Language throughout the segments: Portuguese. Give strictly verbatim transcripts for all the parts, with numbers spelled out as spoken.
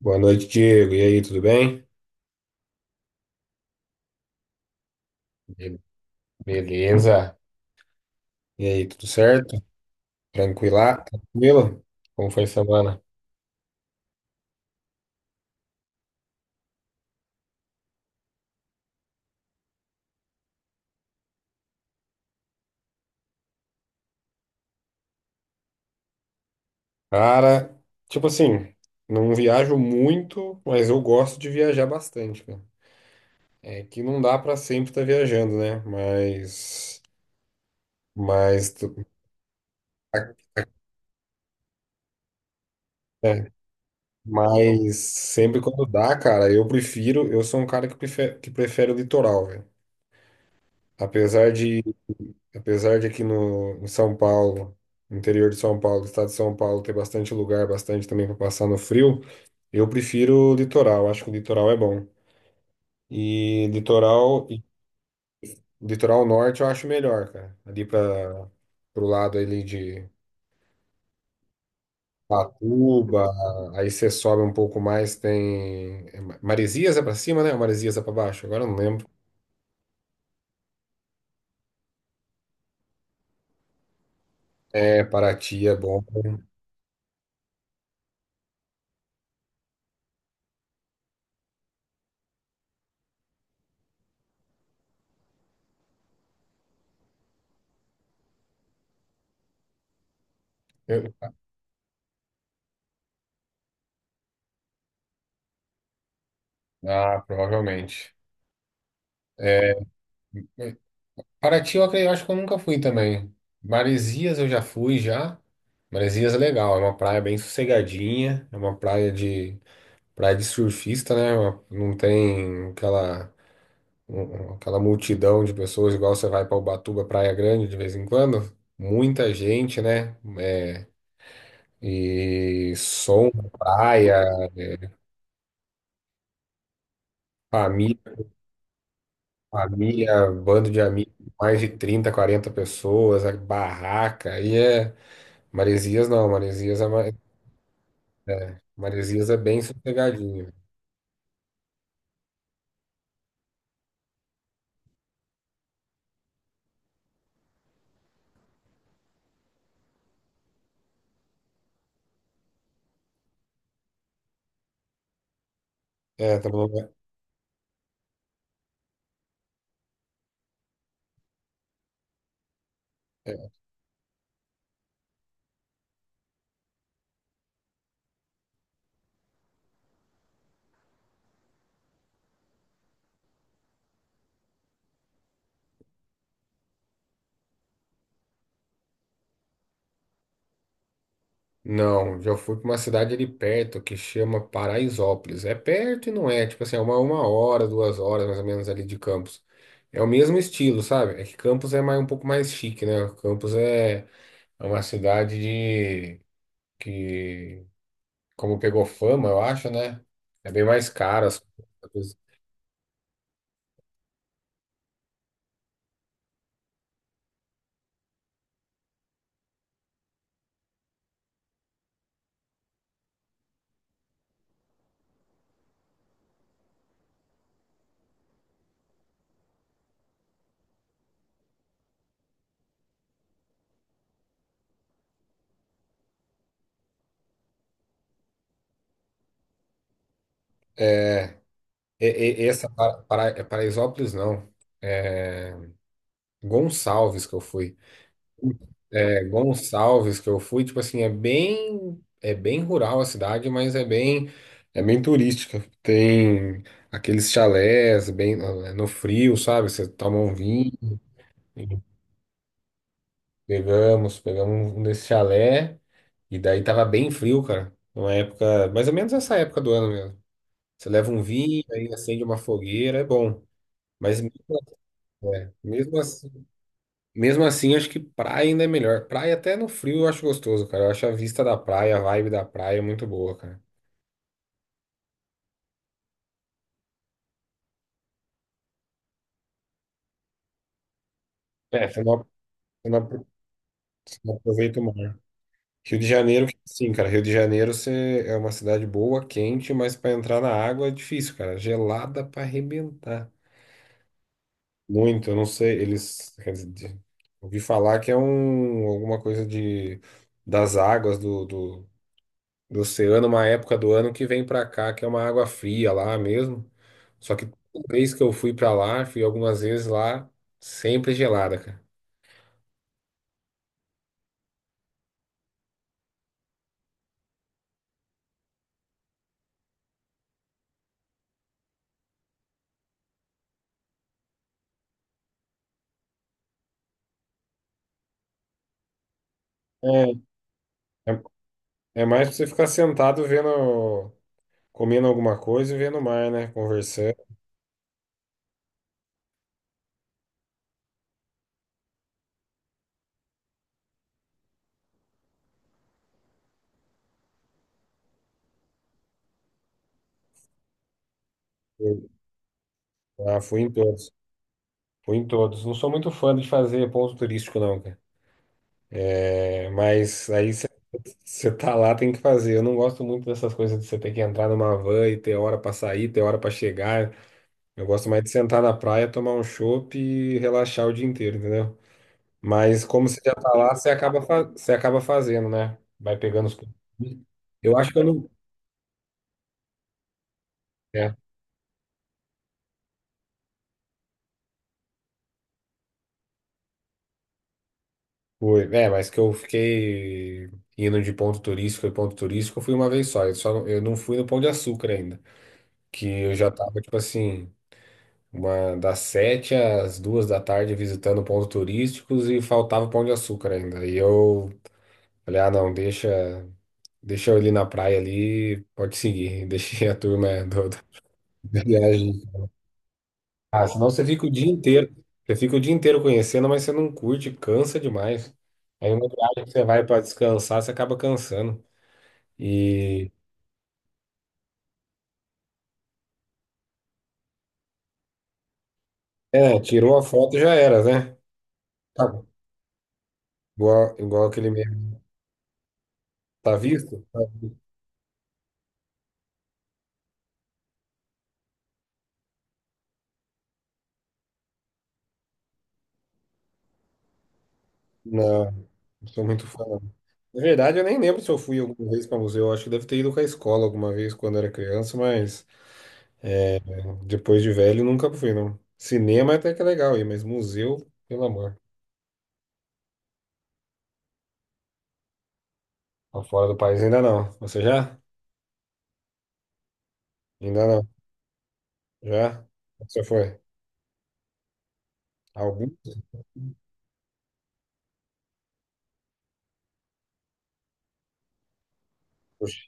Boa noite, Diego. E aí, tudo bem? Be- Beleza. E aí, tudo certo? Tranquila? Tranquilo? Como foi a semana? Cara, tipo assim, não viajo muito, mas eu gosto de viajar bastante, cara. É que não dá pra sempre estar viajando, né? Mas, mas, tu- é, mas sempre quando dá, cara, eu prefiro, eu sou um cara que prefere, que prefere o litoral, velho. Apesar de Apesar de aqui no, em São Paulo, no interior de São Paulo, do estado de São Paulo, ter bastante lugar, bastante também para passar no frio, eu prefiro o litoral. Acho que o litoral é bom. E litoral, e Litoral norte eu acho melhor, cara. Ali para Pro lado ali de Patuba, aí você sobe um pouco mais, tem é Ma- Maresias é para cima, né? Ou Maresias é para baixo? Agora eu não lembro. É, Paraty é bom. Eu- Ah, provavelmente. É, Paraty, eu acre- eu acho que eu nunca fui também. Maresias eu já fui já. Maresias é legal, é uma praia bem sossegadinha, é uma praia de praia de surfista, né? Uma- Não tem aquela um- um, aquela multidão de pessoas igual você vai para Ubatuba, Praia Grande de vez em quando. Muita gente, né? É, e som, praia, família, família, bando de amigos, mais de trinta quarenta pessoas, a barraca, e é Maresias não, Maresias é mais Maresias é bem sossegadinho. É, tá bom, né? É. Não, já fui para uma cidade ali perto que chama Paraisópolis. É perto e não é, tipo assim, é uma, uma hora, duas horas mais ou menos ali de Campos. É o mesmo estilo, sabe? É que Campos é mais, um pouco mais chique, né? Campos é, é uma cidade de que, como pegou fama, eu acho, né? É bem mais caro as coisas. É, e- e- essa para, Para- é Paraisópolis não, Gonçalves que eu fui. É Gonçalves que eu fui, tipo assim, é bem é bem rural a cidade, mas é bem é bem turística. Tem aqueles chalés bem no no frio, sabe? Você toma um vinho. E pegamos, pegamos um um desse chalé e daí tava bem frio, cara. Uma época, mais ou menos essa época do ano mesmo. Você leva um vinho, aí acende uma fogueira, é bom. Mas mesmo, assim, é, mesmo assim, Mesmo assim, acho que praia ainda é melhor. Praia até no frio eu acho gostoso, cara. Eu acho a vista da praia, a vibe da praia é muito boa, cara. É, Você não, você não apro- você não aproveita o mar. Rio de Janeiro, sim, cara. Rio de Janeiro você é uma cidade boa, quente, mas para entrar na água é difícil, cara. Gelada para arrebentar. Muito, eu não sei. Eles, quer dizer, de- ouvi falar que é um, alguma coisa de, das águas do, do, do oceano, uma época do ano que vem para cá, que é uma água fria lá mesmo. Só que toda vez que eu fui pra lá, fui algumas vezes lá, sempre gelada, cara. É, é, é mais pra você ficar sentado vendo, comendo alguma coisa e vendo o mar, né? Conversando. Ah, fui em todos. Fui em todos. Não sou muito fã de fazer ponto turístico, não, cara. É, mas aí você tá lá, tem que fazer. Eu não gosto muito dessas coisas de você ter que entrar numa van e ter hora pra sair, ter hora pra chegar. Eu gosto mais de sentar na praia, tomar um chopp e relaxar o dia inteiro, entendeu? Mas como você já tá lá, você acaba, fa- você acaba fazendo, né? Vai pegando os. Eu acho que eu não. É, foi. É, mas que eu fiquei indo de ponto turístico e ponto turístico, eu fui uma vez só. Eu, só não, eu não fui no Pão de Açúcar ainda. Que eu já tava, tipo assim, uma, das sete às duas da tarde visitando pontos turísticos e faltava Pão de Açúcar ainda. E eu falei, ah, não, deixa, deixa eu ali na praia ali, pode seguir. Deixei a turma do, do- da viagem. Ah, senão você fica o dia inteiro. Você fica o dia inteiro conhecendo, mas você não curte, cansa demais. Aí uma viagem que você vai para descansar, você acaba cansando. E é, tirou a foto já era, né? Tá. Igual, igual aquele mesmo. Tá visto? Tá. Não, não sou muito fã, não. Na verdade, eu nem lembro se eu fui alguma vez para museu. Eu acho que deve ter ido com a escola alguma vez quando era criança, mas depois de velho nunca fui, não. Cinema é até que é legal aí, mas museu, pelo amor. Pra fora do país ainda não. Você já? Ainda não. Já? Você foi? Alguns? Poxa.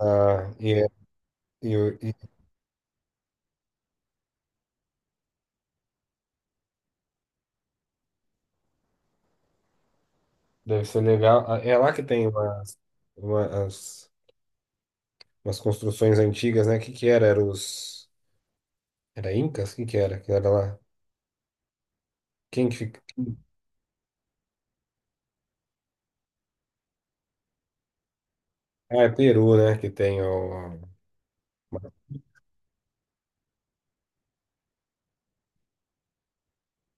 Ah, e, é- e, o- e Deve ser legal. Ah, é lá que tem umas, umas, umas construções antigas, né? O que que era? Era os... Era Incas? O que que era? Que era lá? Quem que fica? Ah, é Peru, né? Que tem o...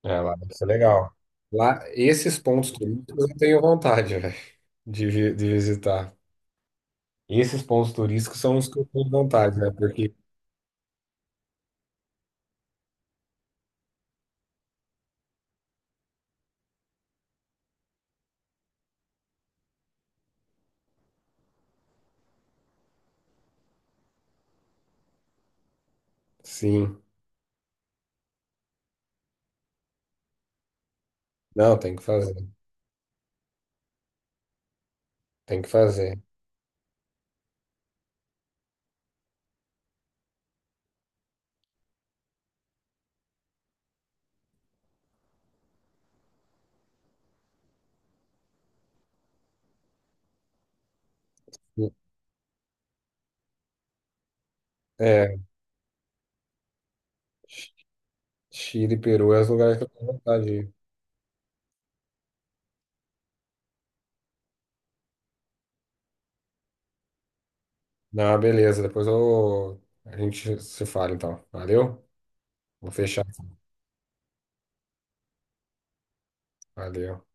É, lá deve ser legal. Lá, esses pontos turísticos eu tenho vontade, velho, de, vi- de visitar. Esses pontos turísticos são os que eu tenho vontade, né? Porque, sim. Não, tem que fazer. Tem que fazer. É. Chile, Peru é os lugares que eu tenho vontade de ir. Não, beleza. Depois eu... a gente se fala, então. Valeu? Vou fechar. Valeu.